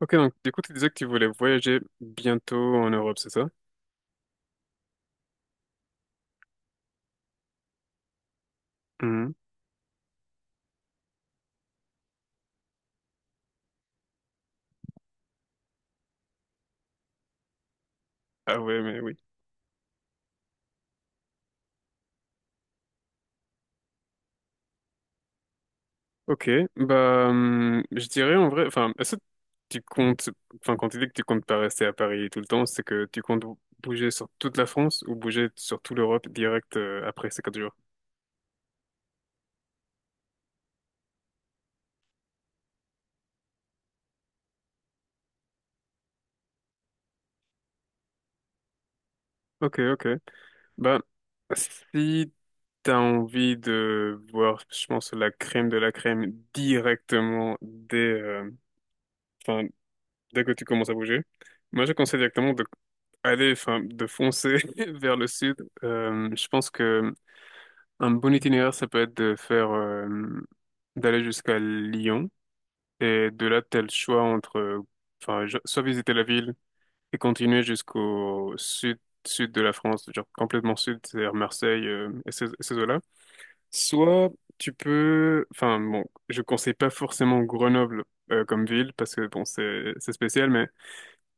Ok, donc du coup, tu disais que tu voulais voyager bientôt en Europe, c'est ça? Mhm. Ah ouais, mais oui. Ok, bah, je dirais en vrai, enfin, est-ce que tu comptes, enfin, quand tu dis que tu comptes pas rester à Paris tout le temps, c'est que tu comptes bouger sur toute la France ou bouger sur toute l'Europe direct après ces quatre jours? Ok, ok. Bah, si t'as envie de voir, je pense, la crème de la crème directement dès, enfin, dès que tu commences à bouger. Moi, je conseille directement de aller, enfin, de foncer vers le sud. Je pense que un bon itinéraire, ça peut être de faire, d'aller jusqu'à Lyon et de là, tel choix entre, enfin, soit visiter la ville et continuer jusqu'au sud, sud de la France, genre complètement sud, c'est-à-dire Marseille, et ces, eaux-là. Soit tu peux, enfin, bon, je conseille pas forcément Grenoble, comme ville parce que bon c'est spécial, mais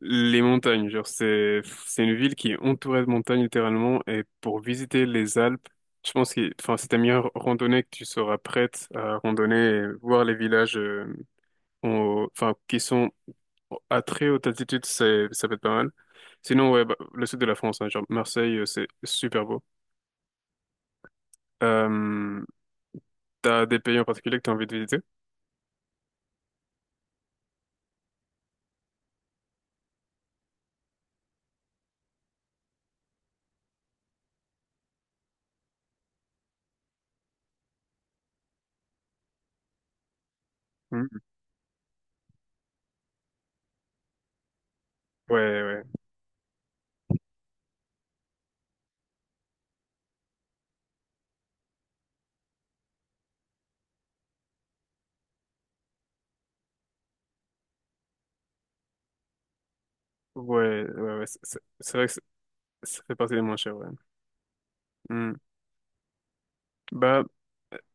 les montagnes, genre c'est, une ville qui est entourée de montagnes littéralement, et pour visiter les Alpes, je pense que enfin c'est ta meilleure randonnée que tu seras prête à randonner et voir les villages enfin qui sont à très haute altitude, c'est, ça peut être pas mal. Sinon ouais bah, le sud de la France, hein, genre Marseille c'est super beau. Euh, T'as des pays en particulier que t'as envie de visiter? Hmm. Ouais, ouais, ouais, ouais, ouais, c'est vrai que ça fait partie des moins chers, ouais. Hmm. Bah,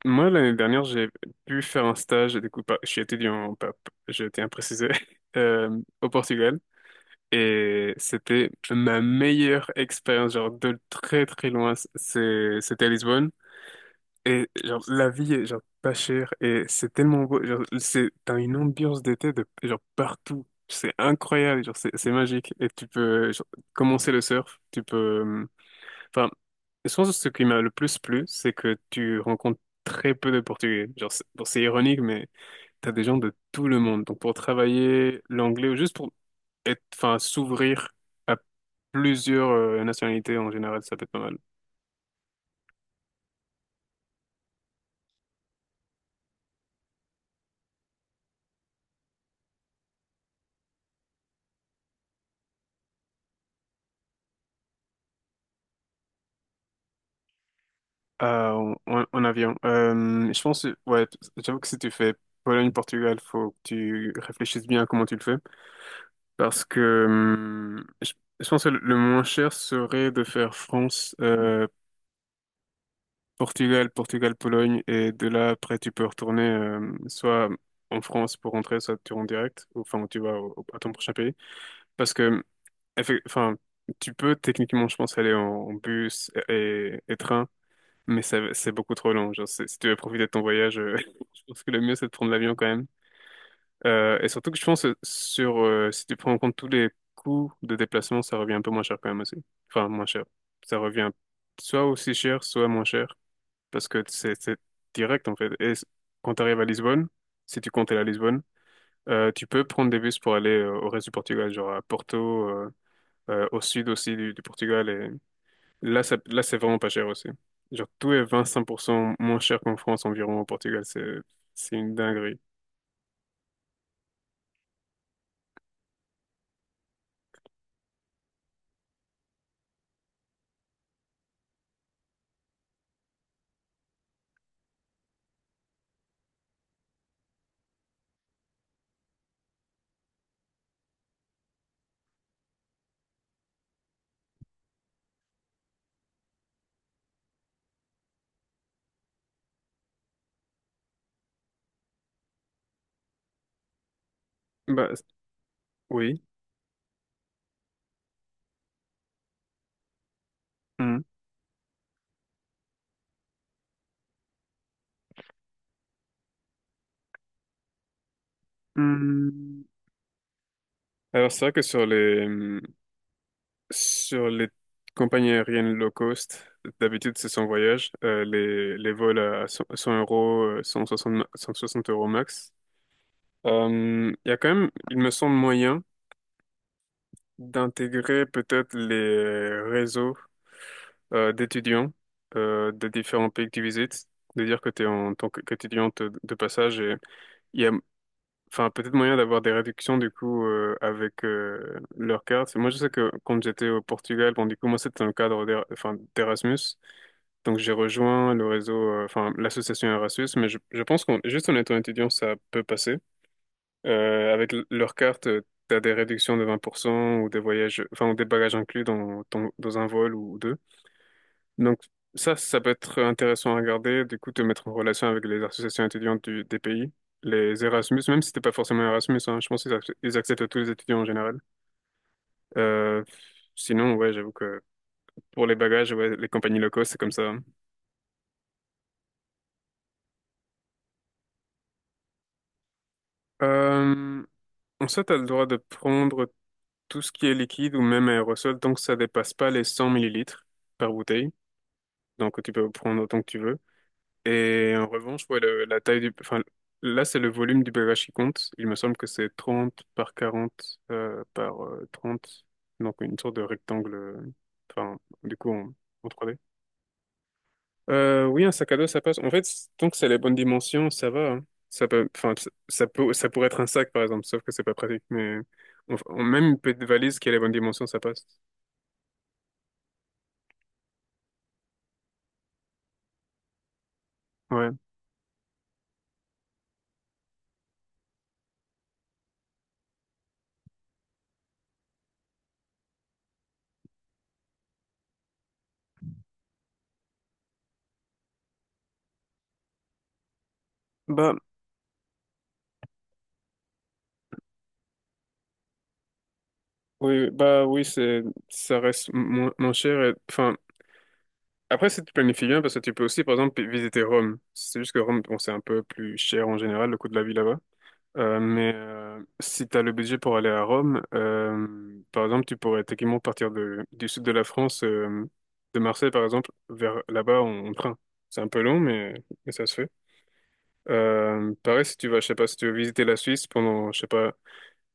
moi, l'année dernière, j'ai pu faire un stage, du coup, je suis étudiant, pas, j'ai été imprécisé, euh, au Portugal. Et c'était ma meilleure expérience, genre de très très loin, c'était à Lisbonne. Et genre la vie est genre pas chère et c'est tellement beau. Genre, t'as une ambiance d'été de genre partout. C'est incroyable, genre c'est magique. Et tu peux genre, commencer le surf, tu peux. Enfin, je pense que ce qui m'a le plus plu, c'est que tu rencontres très peu de Portugais. Genre c'est bon, c'est ironique, mais t'as des gens de tout le monde. Donc pour travailler l'anglais ou juste pour être, enfin s'ouvrir plusieurs nationalités en général, ça peut être pas mal. Euh, en avion. Je pense, ouais, j'avoue que si tu fais Pologne-Portugal, faut que tu réfléchisses bien à comment tu le fais. Parce que je pense que le moins cher serait de faire France Portugal, Portugal, Pologne, et de là, après, tu peux retourner soit en France pour rentrer, soit tu rentres direct, ou, enfin, tu vas à ton prochain pays. Parce que, enfin, tu peux techniquement, je pense, aller en bus et train, mais c'est beaucoup trop long. Genre, si tu veux profiter de ton voyage, je pense que le mieux, c'est de prendre l'avion quand même. Et surtout que je pense, si tu prends en compte tous les coûts de déplacement, ça revient un peu moins cher quand même aussi. Enfin, moins cher. Ça revient soit aussi cher, soit moins cher parce que c'est direct en fait. Et quand tu arrives à Lisbonne, si tu comptes aller à Lisbonne, tu peux prendre des bus pour aller au reste du Portugal, genre à Porto, au sud aussi du Portugal. Et là, là, c'est vraiment pas cher aussi. Genre tout est 25% moins cher qu'en France environ au Portugal. C'est une dinguerie. Bah oui. Mhm. Mhm. Alors c'est vrai que sur les compagnies aériennes low cost, d'habitude c'est sans voyage. Les vols à 100 100 euros, 160 euros max. Il y a quand même, il me semble, moyen d'intégrer peut-être les réseaux d'étudiants de différents pays que tu visites. De dire que tu es qu'étudiante de passage et il y a, enfin, peut-être moyen d'avoir des réductions du coup avec leur carte. Moi je sais que quand j'étais au Portugal, bon du coup moi c'était dans le cadre enfin, d'Erasmus. Donc j'ai rejoint le réseau, enfin l'association Erasmus, mais je pense qu'on juste en étant étudiant, ça peut passer. Avec leur carte, t'as des réductions de 20% ou des voyages, enfin ou des bagages inclus dans un vol ou deux. Donc ça peut être intéressant à regarder, du coup te mettre en relation avec les associations étudiantes des pays. Les Erasmus, même si t'es pas forcément Erasmus, hein, je pense qu'ils acceptent tous les étudiants en général. Euh, sinon, ouais, j'avoue que pour les bagages, ouais, les compagnies locaux, c'est comme ça, hein. Euh, En soi, tu as le droit de prendre tout ce qui est liquide ou même aérosol tant que ça dépasse pas les 100 millilitres par bouteille. Donc, tu peux prendre autant que tu veux. Et en revanche, ouais, la taille du... Enfin, là, c'est le volume du bagage qui compte. Il me semble que c'est 30 par 40 par 30. Donc, une sorte de rectangle, enfin, du coup, en, 3D. Oui, un sac à dos, ça passe. En fait, tant que c'est les bonnes dimensions, ça va, hein. Ça peut, enfin, ça peut, ça pourrait être un sac, par exemple, sauf que c'est pas pratique. Mais même une petite valise qui a les bonnes dimensions, ça passe. Ouais. Bah, oui, bah oui, ça reste moins cher. Enfin, après, si tu planifies bien, parce que tu peux aussi, par exemple, visiter Rome. C'est juste que Rome, bon, c'est un peu plus cher en général, le coût de la vie là-bas. Mais si tu as le budget pour aller à Rome, par exemple, tu pourrais techniquement partir du sud de la France, de Marseille par exemple, vers là-bas en train. C'est un peu long, mais ça se fait. Pareil, si tu vas, je sais pas, si tu veux visiter la Suisse pendant, je sais pas,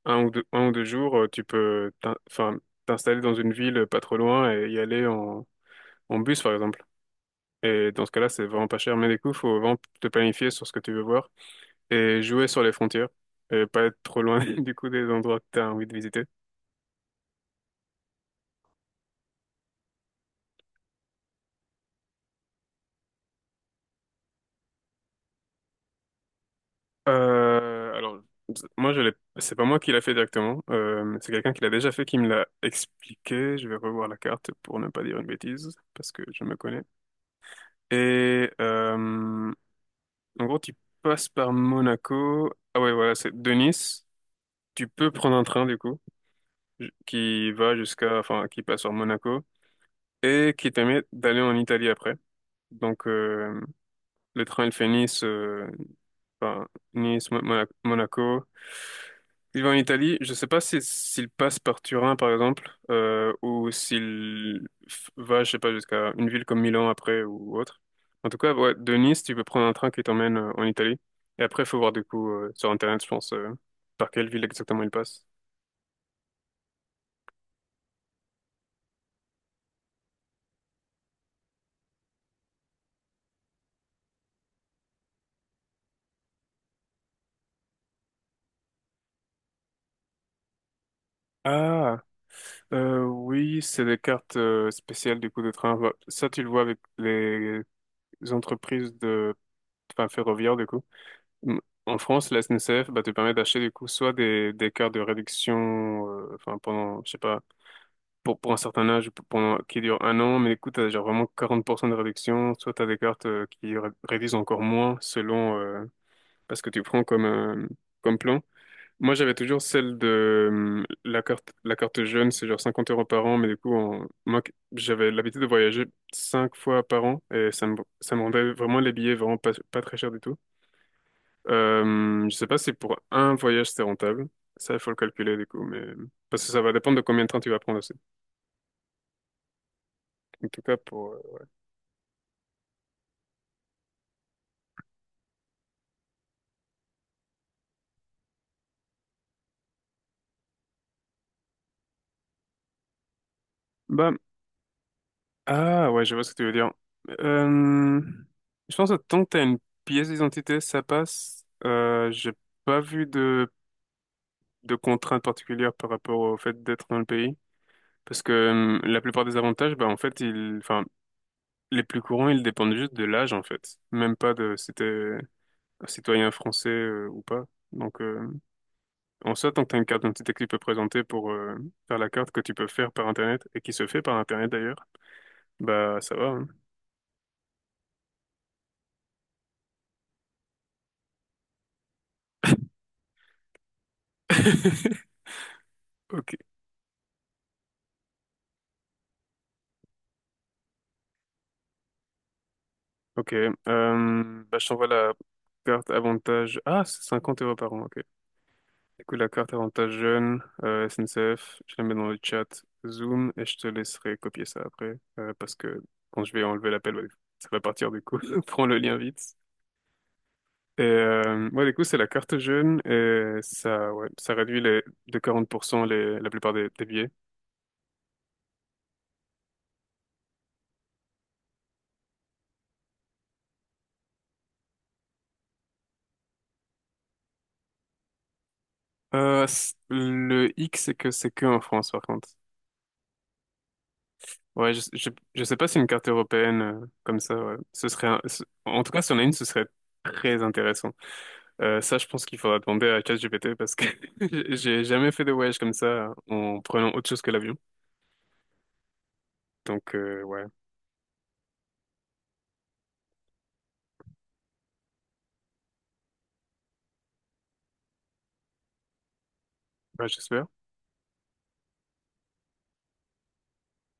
un ou deux jours, tu peux enfin, t'installer dans une ville pas trop loin et y aller en bus par exemple. Et dans ce cas-là, c'est vraiment pas cher, mais du coup, faut vraiment te planifier sur ce que tu veux voir et jouer sur les frontières et pas être trop loin du coup des endroits que t'as envie de visiter. Alors, moi, c'est pas moi qui l'a fait directement. C'est quelqu'un qui l'a déjà fait qui me l'a expliqué. Je vais revoir la carte pour ne pas dire une bêtise parce que je me connais. Et en gros, tu passes par Monaco. Ah ouais, voilà, c'est de Nice. Tu peux prendre un train du coup, qui va jusqu'à, enfin, qui passe sur Monaco et qui permet d'aller en Italie après. Donc, le train, il fait Nice, enfin, Nice, Monaco. Il va en Italie. Je sais pas si, s'il passe par Turin, par exemple, ou s'il va, je sais pas, jusqu'à une ville comme Milan après ou autre. En tout cas, ouais, de Nice, tu peux prendre un train qui t'emmène en Italie. Et après, il faut voir du coup sur Internet, je pense, par quelle ville exactement il passe. Ah, oui, c'est des cartes spéciales du coup de train. Bah, ça, tu le vois avec les entreprises, de enfin, ferroviaires du coup. En France, la SNCF bah, te permet d'acheter du coup soit des cartes de réduction, enfin pendant, je sais pas, pour un certain âge, pendant, qui dure un an, mais écoute, t'as genre vraiment 40% de réduction, soit t'as des cartes qui réduisent encore moins selon parce que tu prends comme plan. Moi, j'avais toujours celle de la carte jeune, c'est genre 50 euros par an, mais du coup, moi, j'avais l'habitude de voyager cinq fois par an et ça me rendait vraiment les billets vraiment pas très chers du tout. Je sais pas si pour un voyage c'est rentable. Ça, il faut le calculer du coup, mais parce que ça va dépendre de combien de temps tu vas prendre aussi. En tout cas pour. Bah, ah ouais, je vois ce que tu veux dire. Euh, Je pense que tant que t'as une pièce d'identité, ça passe. J'ai pas vu de contraintes particulières par rapport au fait d'être dans le pays, parce que la plupart des avantages, bah en fait, enfin, les plus courants, ils dépendent juste de l'âge en fait, même pas de si t'es un citoyen français ou pas. Donc, en soit, tant que tu as une carte d'identité que tu peux présenter pour faire la carte, que tu peux faire par Internet et qui se fait par Internet d'ailleurs, bah ça va, hein. Ok, ok. Bah, je t'envoie la carte avantage. Ah, c'est 50 euros par an, ok. Du coup, la carte avantage jeune, SNCF, je la mets dans le chat Zoom et je te laisserai copier ça après parce que quand je vais enlever l'appel, ouais, ça va partir du coup. Prends le lien vite. Et ouais, du coup, c'est la carte jeune et ça, ouais, ça réduit, les, de 40% les, la plupart des billets. Le hic, c'est que en France, par contre. Ouais, je sais pas si une carte européenne comme ça, ouais. Ce serait, en tout cas, si on a une, ce serait très intéressant. Ça, je pense qu'il faudra demander à ChatGPT parce que j'ai jamais fait de voyage comme ça en prenant autre chose que l'avion. Donc, ouais. Ouais, j'espère.